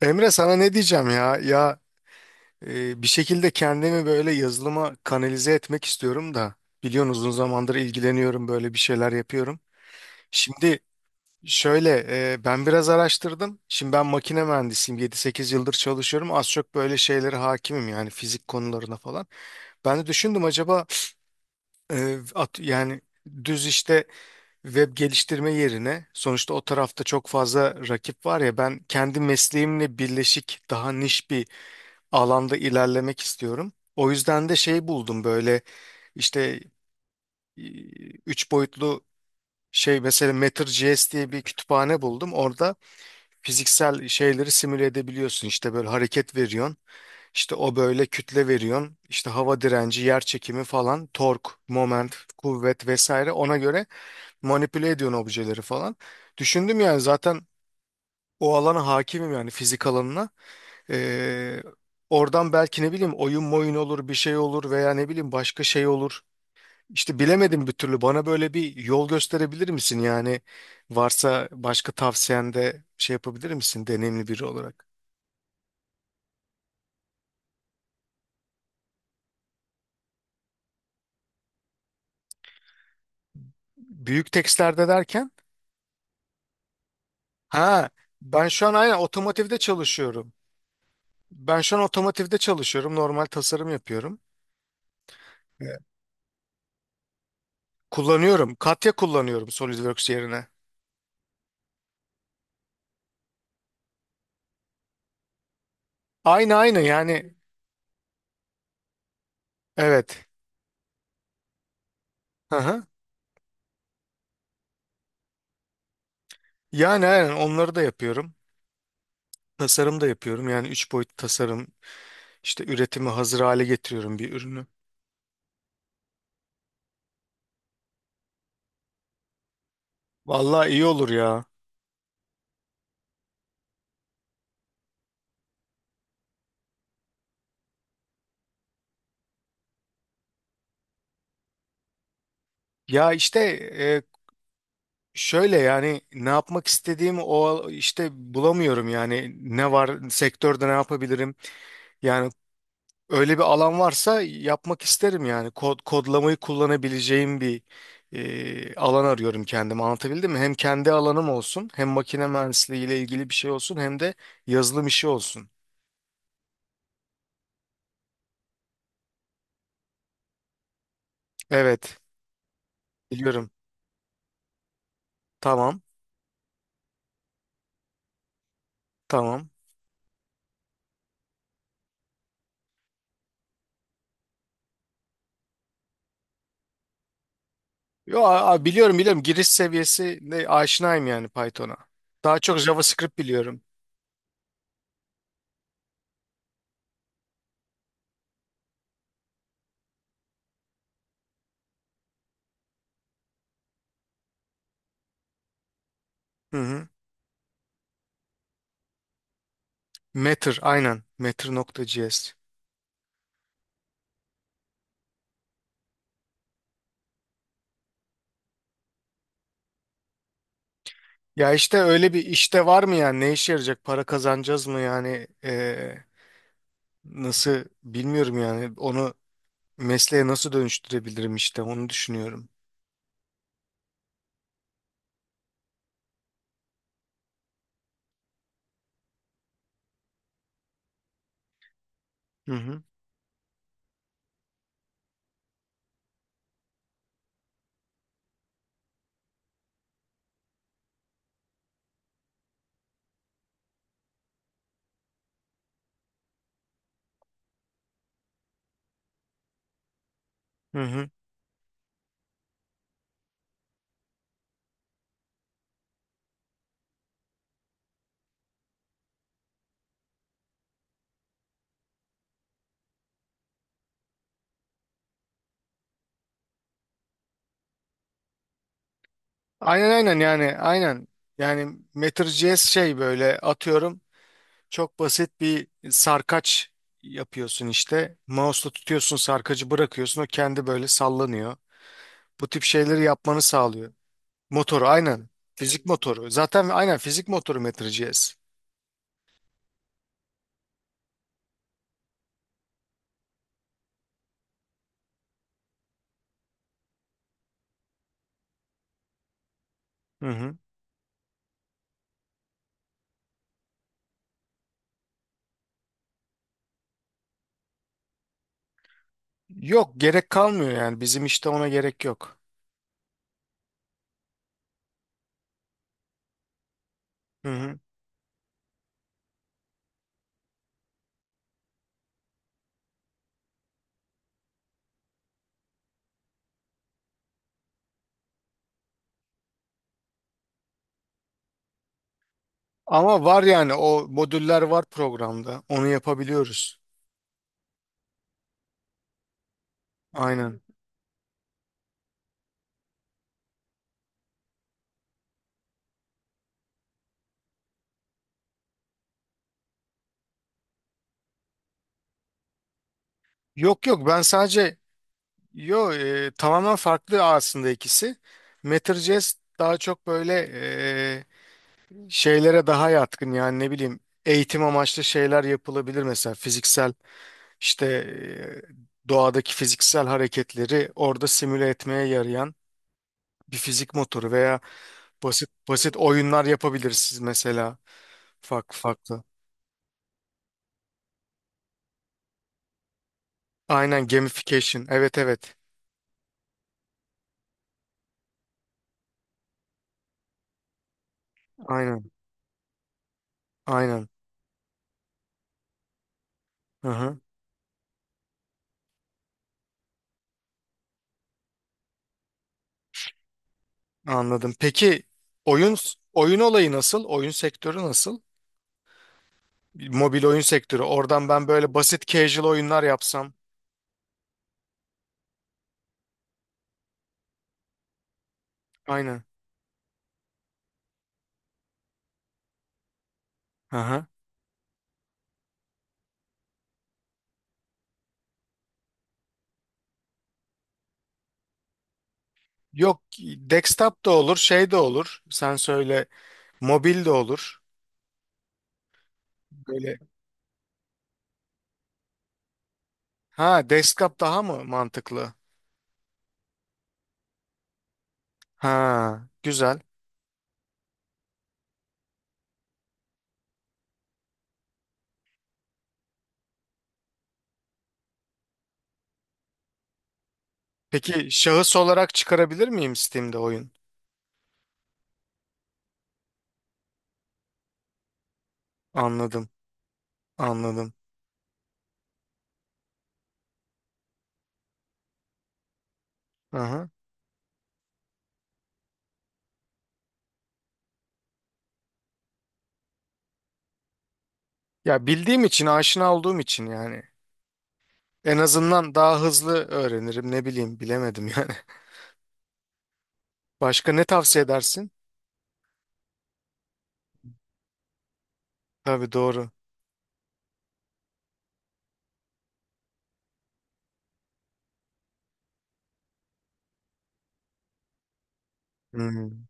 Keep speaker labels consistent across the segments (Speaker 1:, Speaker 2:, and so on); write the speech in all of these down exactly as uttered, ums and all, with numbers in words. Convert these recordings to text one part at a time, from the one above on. Speaker 1: Emre sana ne diyeceğim ya? Ya e, bir şekilde kendimi böyle yazılıma kanalize etmek istiyorum da biliyorsun uzun zamandır ilgileniyorum böyle bir şeyler yapıyorum. Şimdi şöyle, e, ben biraz araştırdım. Şimdi ben makine mühendisiyim, yedi sekiz yıldır çalışıyorum. Az çok böyle şeylere hakimim, yani fizik konularına falan. Ben de düşündüm, acaba e, at- yani düz işte web geliştirme yerine, sonuçta o tarafta çok fazla rakip var ya, ben kendi mesleğimle birleşik daha niş bir alanda ilerlemek istiyorum. O yüzden de şey buldum, böyle işte e, üç boyutlu şey mesela. Matter.js diye bir kütüphane buldum. Orada fiziksel şeyleri simüle edebiliyorsun. İşte böyle hareket veriyorsun. İşte o böyle kütle veriyorsun. İşte hava direnci, yer çekimi falan, tork, moment, kuvvet vesaire, ona göre manipüle ediyorsun objeleri falan. Düşündüm yani, zaten o alana hakimim yani, fizik alanına. Ee, Oradan belki ne bileyim oyun moyun olur, bir şey olur veya ne bileyim başka şey olur. İşte bilemedim bir türlü. Bana böyle bir yol gösterebilir misin? Yani varsa başka tavsiyende şey yapabilir misin, deneyimli biri olarak? Büyük tekstlerde derken? Ha, ben şu an aynen otomotivde çalışıyorum. Ben şu an otomotivde çalışıyorum. Normal tasarım yapıyorum. Evet. Kullanıyorum. Katya kullanıyorum SolidWorks yerine. Aynı aynı yani, evet. Hı hı. Yani aynen onları da yapıyorum. Tasarım da yapıyorum. Yani üç boyutlu tasarım, işte üretimi hazır hale getiriyorum bir ürünü. Vallahi iyi olur ya. Ya işte e, şöyle yani, ne yapmak istediğimi o işte bulamıyorum yani, ne var sektörde, ne yapabilirim. Yani öyle bir alan varsa yapmak isterim, yani kod kodlamayı kullanabileceğim bir e, alan arıyorum kendime. Anlatabildim mi? Hem kendi alanım olsun, hem makine mühendisliği ile ilgili bir şey olsun, hem de yazılım işi olsun. Evet, biliyorum. Tamam. Tamam. Yo, a- a- biliyorum biliyorum, giriş seviyesi ne aşinayım yani, Python'a. Daha çok JavaScript biliyorum. Hı hı. Matter, aynen, Matter.js. Ya işte öyle bir işte var mı yani, ne işe yarayacak, para kazanacağız mı yani? Ee, nasıl bilmiyorum yani, onu mesleğe nasıl dönüştürebilirim, işte onu düşünüyorum. Hı hı. Hı hı. Aynen aynen yani, aynen, yani Matter.js şey böyle, atıyorum. Çok basit bir sarkaç yapıyorsun işte. Mouse'la tutuyorsun sarkacı, bırakıyorsun, o kendi böyle sallanıyor. Bu tip şeyleri yapmanı sağlıyor. Motoru, aynen. Fizik motoru. Zaten aynen fizik motoru MetroGS. Hı hı. Yok, gerek kalmıyor yani, bizim işte ona gerek yok. Hı hı. Ama var yani, o modüller var programda. Onu yapabiliyoruz. Aynen. Yok yok, ben sadece yo e, tamamen farklı aslında ikisi. MetroJS daha çok böyle e, şeylere daha yatkın, yani ne bileyim eğitim amaçlı şeyler yapılabilir mesela, fiziksel işte e, doğadaki fiziksel hareketleri orada simüle etmeye yarayan bir fizik motoru. Veya basit basit oyunlar yapabilirsiniz mesela, farklı farklı. Aynen, gamification. Evet evet. Aynen. Aynen. Hı hı. Anladım. Peki oyun oyun olayı nasıl? Oyun sektörü nasıl? Mobil oyun sektörü. Oradan ben böyle basit casual oyunlar yapsam. Aynen. Hı hı. Yok, desktop da olur, şey de olur. Sen söyle, mobil de olur. Böyle. Ha, desktop daha mı mantıklı? Ha, güzel. Peki şahıs olarak çıkarabilir miyim Steam'de oyun? Anladım, anladım. Aha. Ya bildiğim için, aşina olduğum için yani. En azından daha hızlı öğrenirim. Ne bileyim, bilemedim yani. Başka ne tavsiye edersin? Tabii, doğru. Hmm.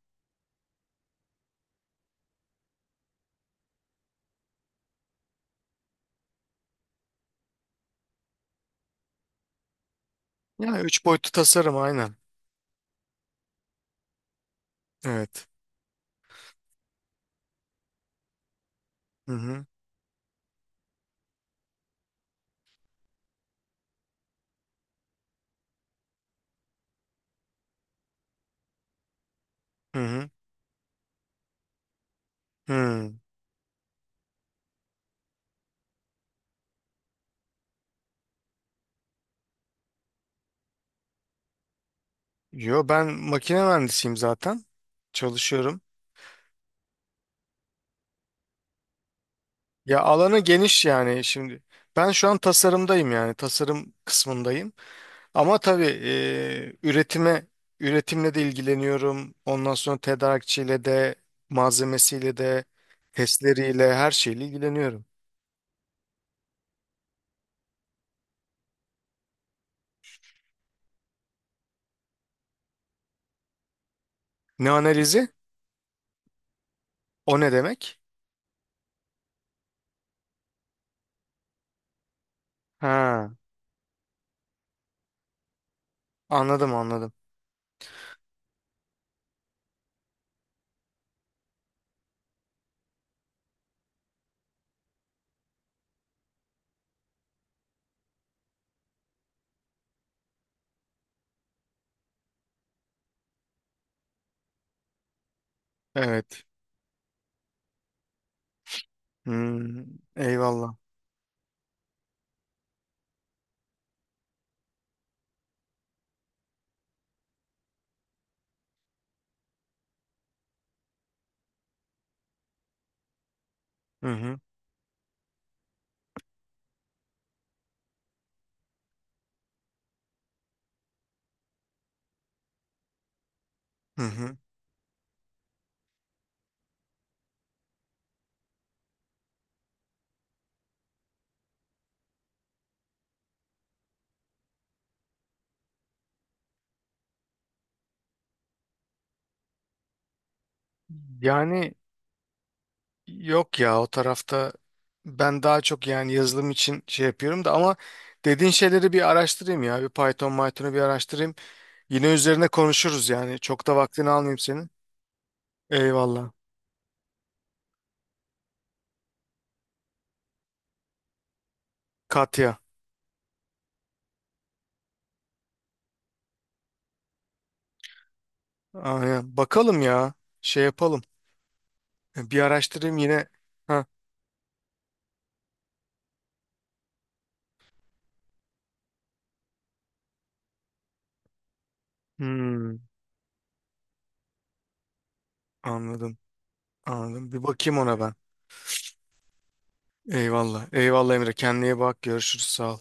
Speaker 1: Ya üç boyutlu tasarım, aynen. Evet. Hı hı. Hı hı. Hı. Yo, ben makine mühendisiyim zaten. Çalışıyorum. Ya alanı geniş yani, şimdi. Ben şu an tasarımdayım, yani tasarım kısmındayım. Ama tabii e, üretime üretimle de ilgileniyorum. Ondan sonra tedarikçiyle de, malzemesiyle de, testleriyle, her şeyle ilgileniyorum. Ne analizi? O ne demek? Ha, anladım anladım. Evet. Hmm, eyvallah. Hı hı. Hı hı. Yani, yok ya, o tarafta ben daha çok yani yazılım için şey yapıyorum da ama dediğin şeyleri bir araştırayım ya. Bir Python, Python'u bir araştırayım. Yine üzerine konuşuruz yani. Çok da vaktini almayayım senin. Eyvallah. Katya. Aynen. Bakalım ya. Şey yapalım. E, Bir araştırayım yine. Ha. Hmm, anladım. Anladım. Bir bakayım ona ben. Eyvallah. Eyvallah Emre. Kendine iyi bak. Görüşürüz. Sağ ol.